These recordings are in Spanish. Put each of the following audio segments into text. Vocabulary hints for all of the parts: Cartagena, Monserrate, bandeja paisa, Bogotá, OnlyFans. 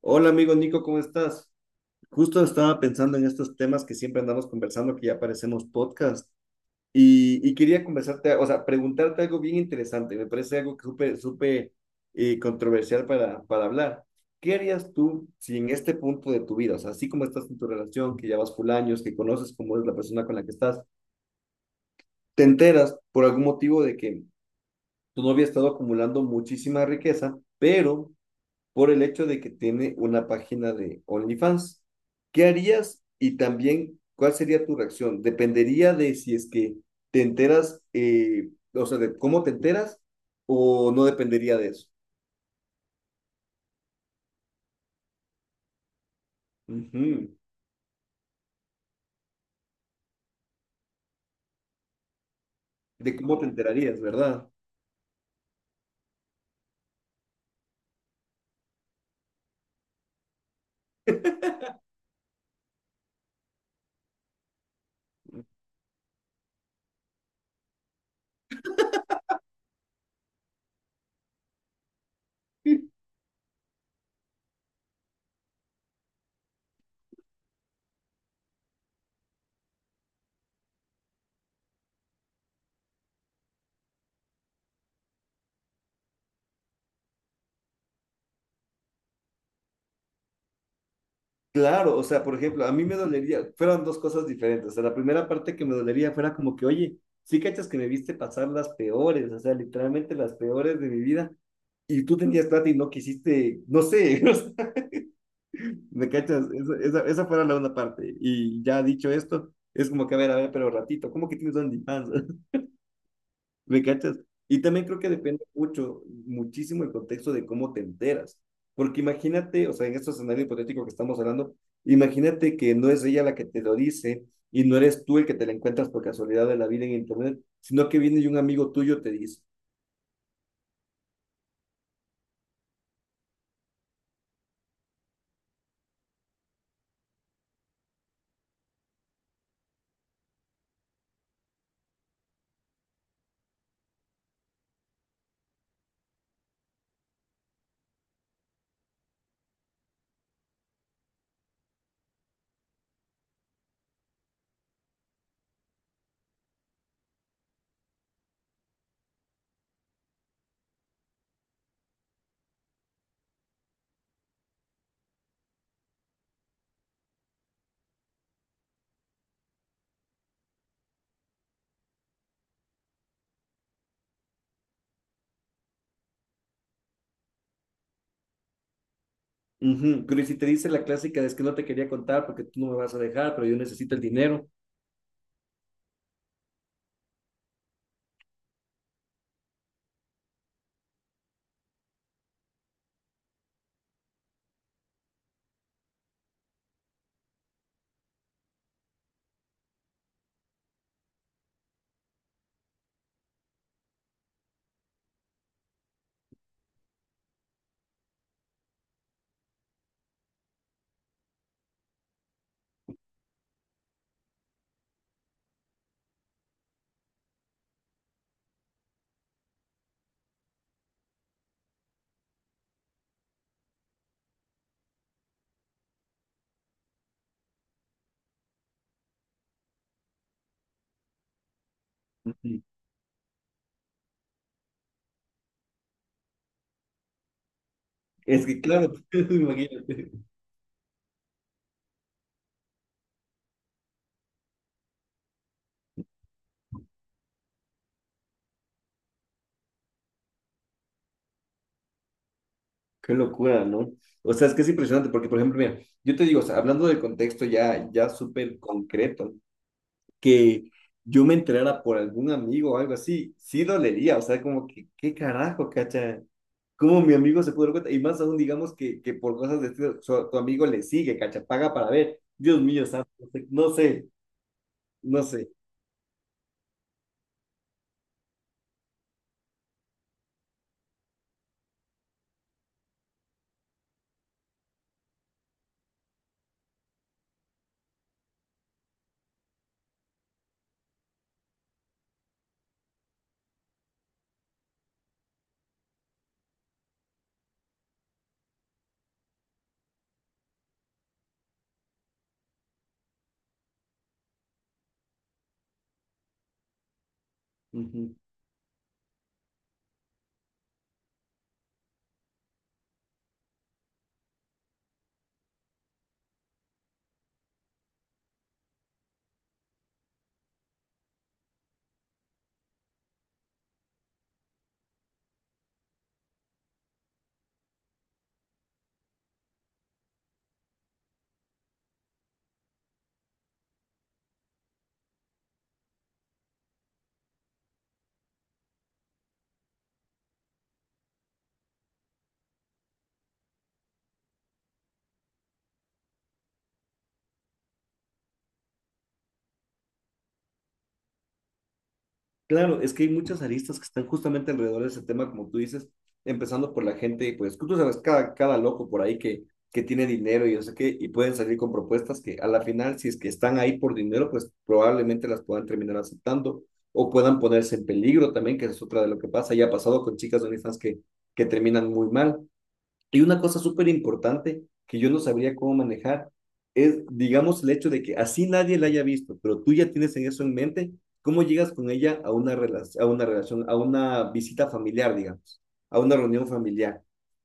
Hola amigo Nico, ¿cómo estás? Justo estaba pensando en estos temas que siempre andamos conversando, que ya parecemos podcast, y quería conversarte, o sea, preguntarte algo bien interesante, me parece algo que súper, súper controversial para hablar. ¿Qué harías tú si en este punto de tu vida, o sea, así como estás en tu relación, que ya vas full años, que conoces cómo es la persona con la que estás, te enteras por algún motivo de que tu novia ha estado acumulando muchísima riqueza, pero por el hecho de que tiene una página de OnlyFans? ¿Qué harías? Y también, ¿cuál sería tu reacción? Dependería de si es que te enteras, o sea, de cómo te enteras, o no dependería de eso. Ujú. De cómo te enterarías, ¿verdad? Claro, o sea, por ejemplo, a mí me dolería, fueron dos cosas diferentes. O sea, la primera parte que me dolería fuera como que, oye, sí cachas que me viste pasar las peores, o sea, literalmente las peores de mi vida, y tú tenías plata y no quisiste, no sé, ¿Me cachas? Esa fuera la una parte. Y ya dicho esto, es como que, a ver, pero ratito, ¿cómo que tienes OnlyFans? ¿Me cachas? Y también creo que depende mucho, muchísimo el contexto de cómo te enteras. Porque imagínate, o sea, en este escenario hipotético que estamos hablando, imagínate que no es ella la que te lo dice y no eres tú el que te la encuentras por casualidad de la vida en internet, sino que viene y un amigo tuyo te dice. Ujú. Pero ¿y si te dice la clásica de es que no te quería contar porque tú no me vas a dejar, pero yo necesito el dinero? Es que claro, imagínate, qué locura, ¿no? O sea, es que es impresionante porque, por ejemplo, mira, yo te digo, o sea, hablando del contexto ya, ya súper concreto, que yo me enterara por algún amigo o algo así, sí dolería, o sea, como que, ¿qué carajo, cacha? ¿Cómo mi amigo se pudo dar cuenta? Y más aún, digamos que por cosas de estilo, tu amigo le sigue, cacha, paga para ver. Dios mío, santo, no sé, no sé. No Ujú. Claro, es que hay muchas aristas que están justamente alrededor de ese tema, como tú dices, empezando por la gente, pues tú sabes, cada loco por ahí que tiene dinero y no sé qué, y pueden salir con propuestas que a la final, si es que están ahí por dinero, pues probablemente las puedan terminar aceptando o puedan ponerse en peligro también, que es otra de lo que pasa. Ya ha pasado con chicas de OnlyFans que terminan muy mal. Y una cosa súper importante que yo no sabría cómo manejar es, digamos, el hecho de que así nadie la haya visto, pero tú ya tienes en eso en mente, ¿cómo llegas con ella a una relación, a una visita familiar, digamos, a una reunión familiar?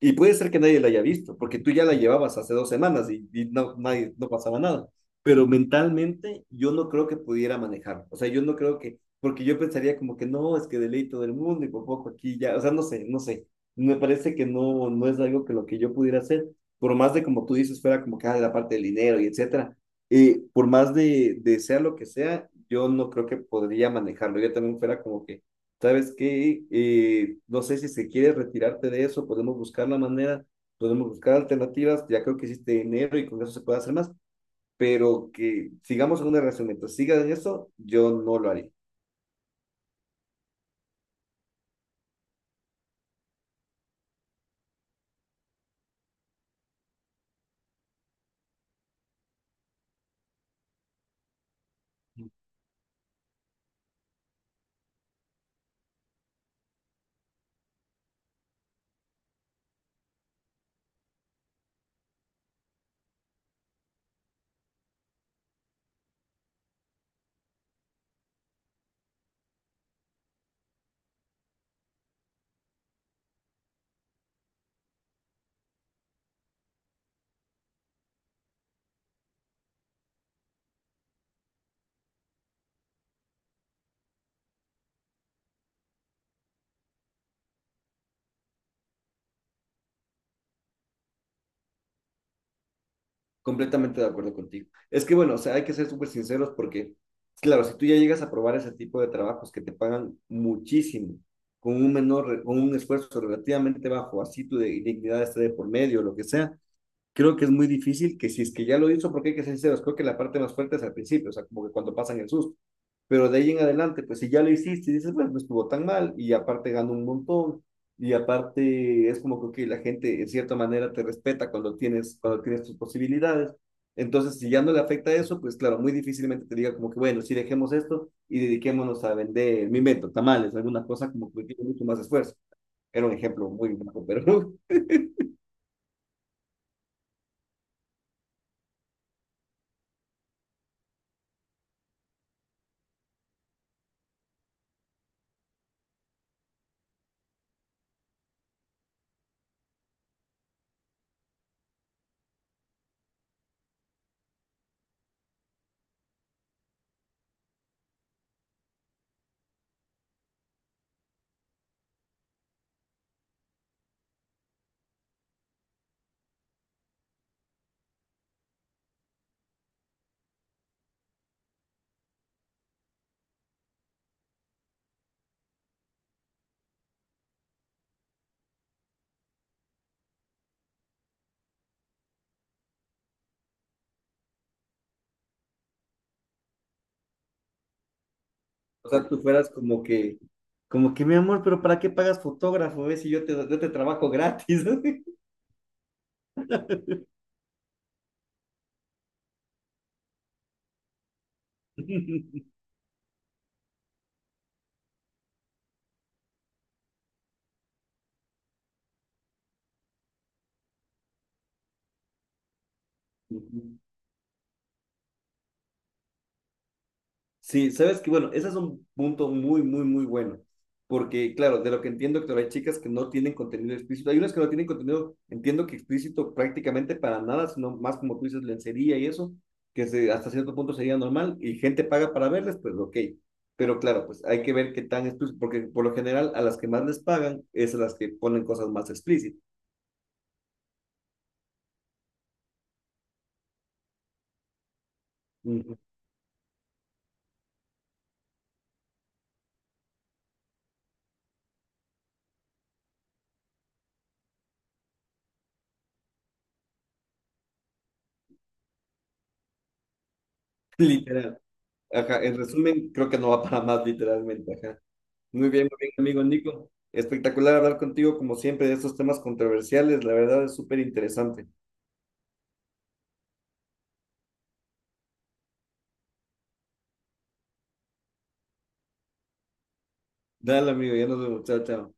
Y puede ser que nadie la haya visto, porque tú ya la llevabas hace 2 semanas y no, nadie, no pasaba nada. Pero mentalmente yo no creo que pudiera manejar. O sea, yo no creo que, porque yo pensaría como que no, es que de ley todo el mundo y por poco aquí ya, o sea, no sé, no sé, me parece que no, no es algo que lo que yo pudiera hacer, por más de como tú dices, fuera como que ah, la parte del dinero y etcétera, por más de sea lo que sea, yo no creo que podría manejarlo, yo también fuera como que, ¿sabes qué? No sé si se quiere retirarte de eso, podemos buscar la manera, podemos buscar alternativas, ya creo que hiciste dinero y con eso se puede hacer más, pero que sigamos en una relación, mientras sigas en eso, yo no lo haría. Completamente de acuerdo contigo. Es que bueno, o sea, hay que ser súper sinceros porque, claro, si tú ya llegas a probar ese tipo de trabajos que te pagan muchísimo, con un menor, con un esfuerzo relativamente bajo, así tu dignidad esté de por medio, lo que sea, creo que es muy difícil que si es que ya lo hizo, porque hay que ser sinceros, creo que la parte más fuerte es al principio, o sea, como que cuando pasan el susto. Pero de ahí en adelante, pues si ya lo hiciste y dices, bueno, no estuvo tan mal, y aparte ganó un montón, y aparte es como que ok, la gente en cierta manera te respeta cuando tienes tus posibilidades. Entonces, si ya no le afecta eso, pues claro, muy difícilmente te diga como que, bueno, si dejemos esto y dediquémonos a vender, mi invento, tamales, alguna cosa como que tiene mucho más esfuerzo. Era un ejemplo muy bajo, pero O sea, tú fueras como que, mi amor, pero ¿para qué pagas fotógrafo? ¿Ves? Si yo te, yo te trabajo gratis. Ujú. Sí, sabes que, bueno, ese es un punto muy, muy, muy bueno. Porque, claro, de lo que entiendo, claro, hay chicas que no tienen contenido explícito. Hay unas que no tienen contenido, entiendo que explícito prácticamente para nada, sino más como tú dices, lencería y eso, que hasta cierto punto sería normal y gente paga para verles, pues ok. Pero claro, pues hay que ver qué tan explícito, porque por lo general a las que más les pagan es a las que ponen cosas más explícitas. Ujú. Literal. Ajá, en resumen, creo que no va para más, literalmente. Ajá. Muy bien, amigo Nico. Espectacular hablar contigo, como siempre, de estos temas controversiales. La verdad es súper interesante. Dale, amigo, ya nos vemos. Chao, chao.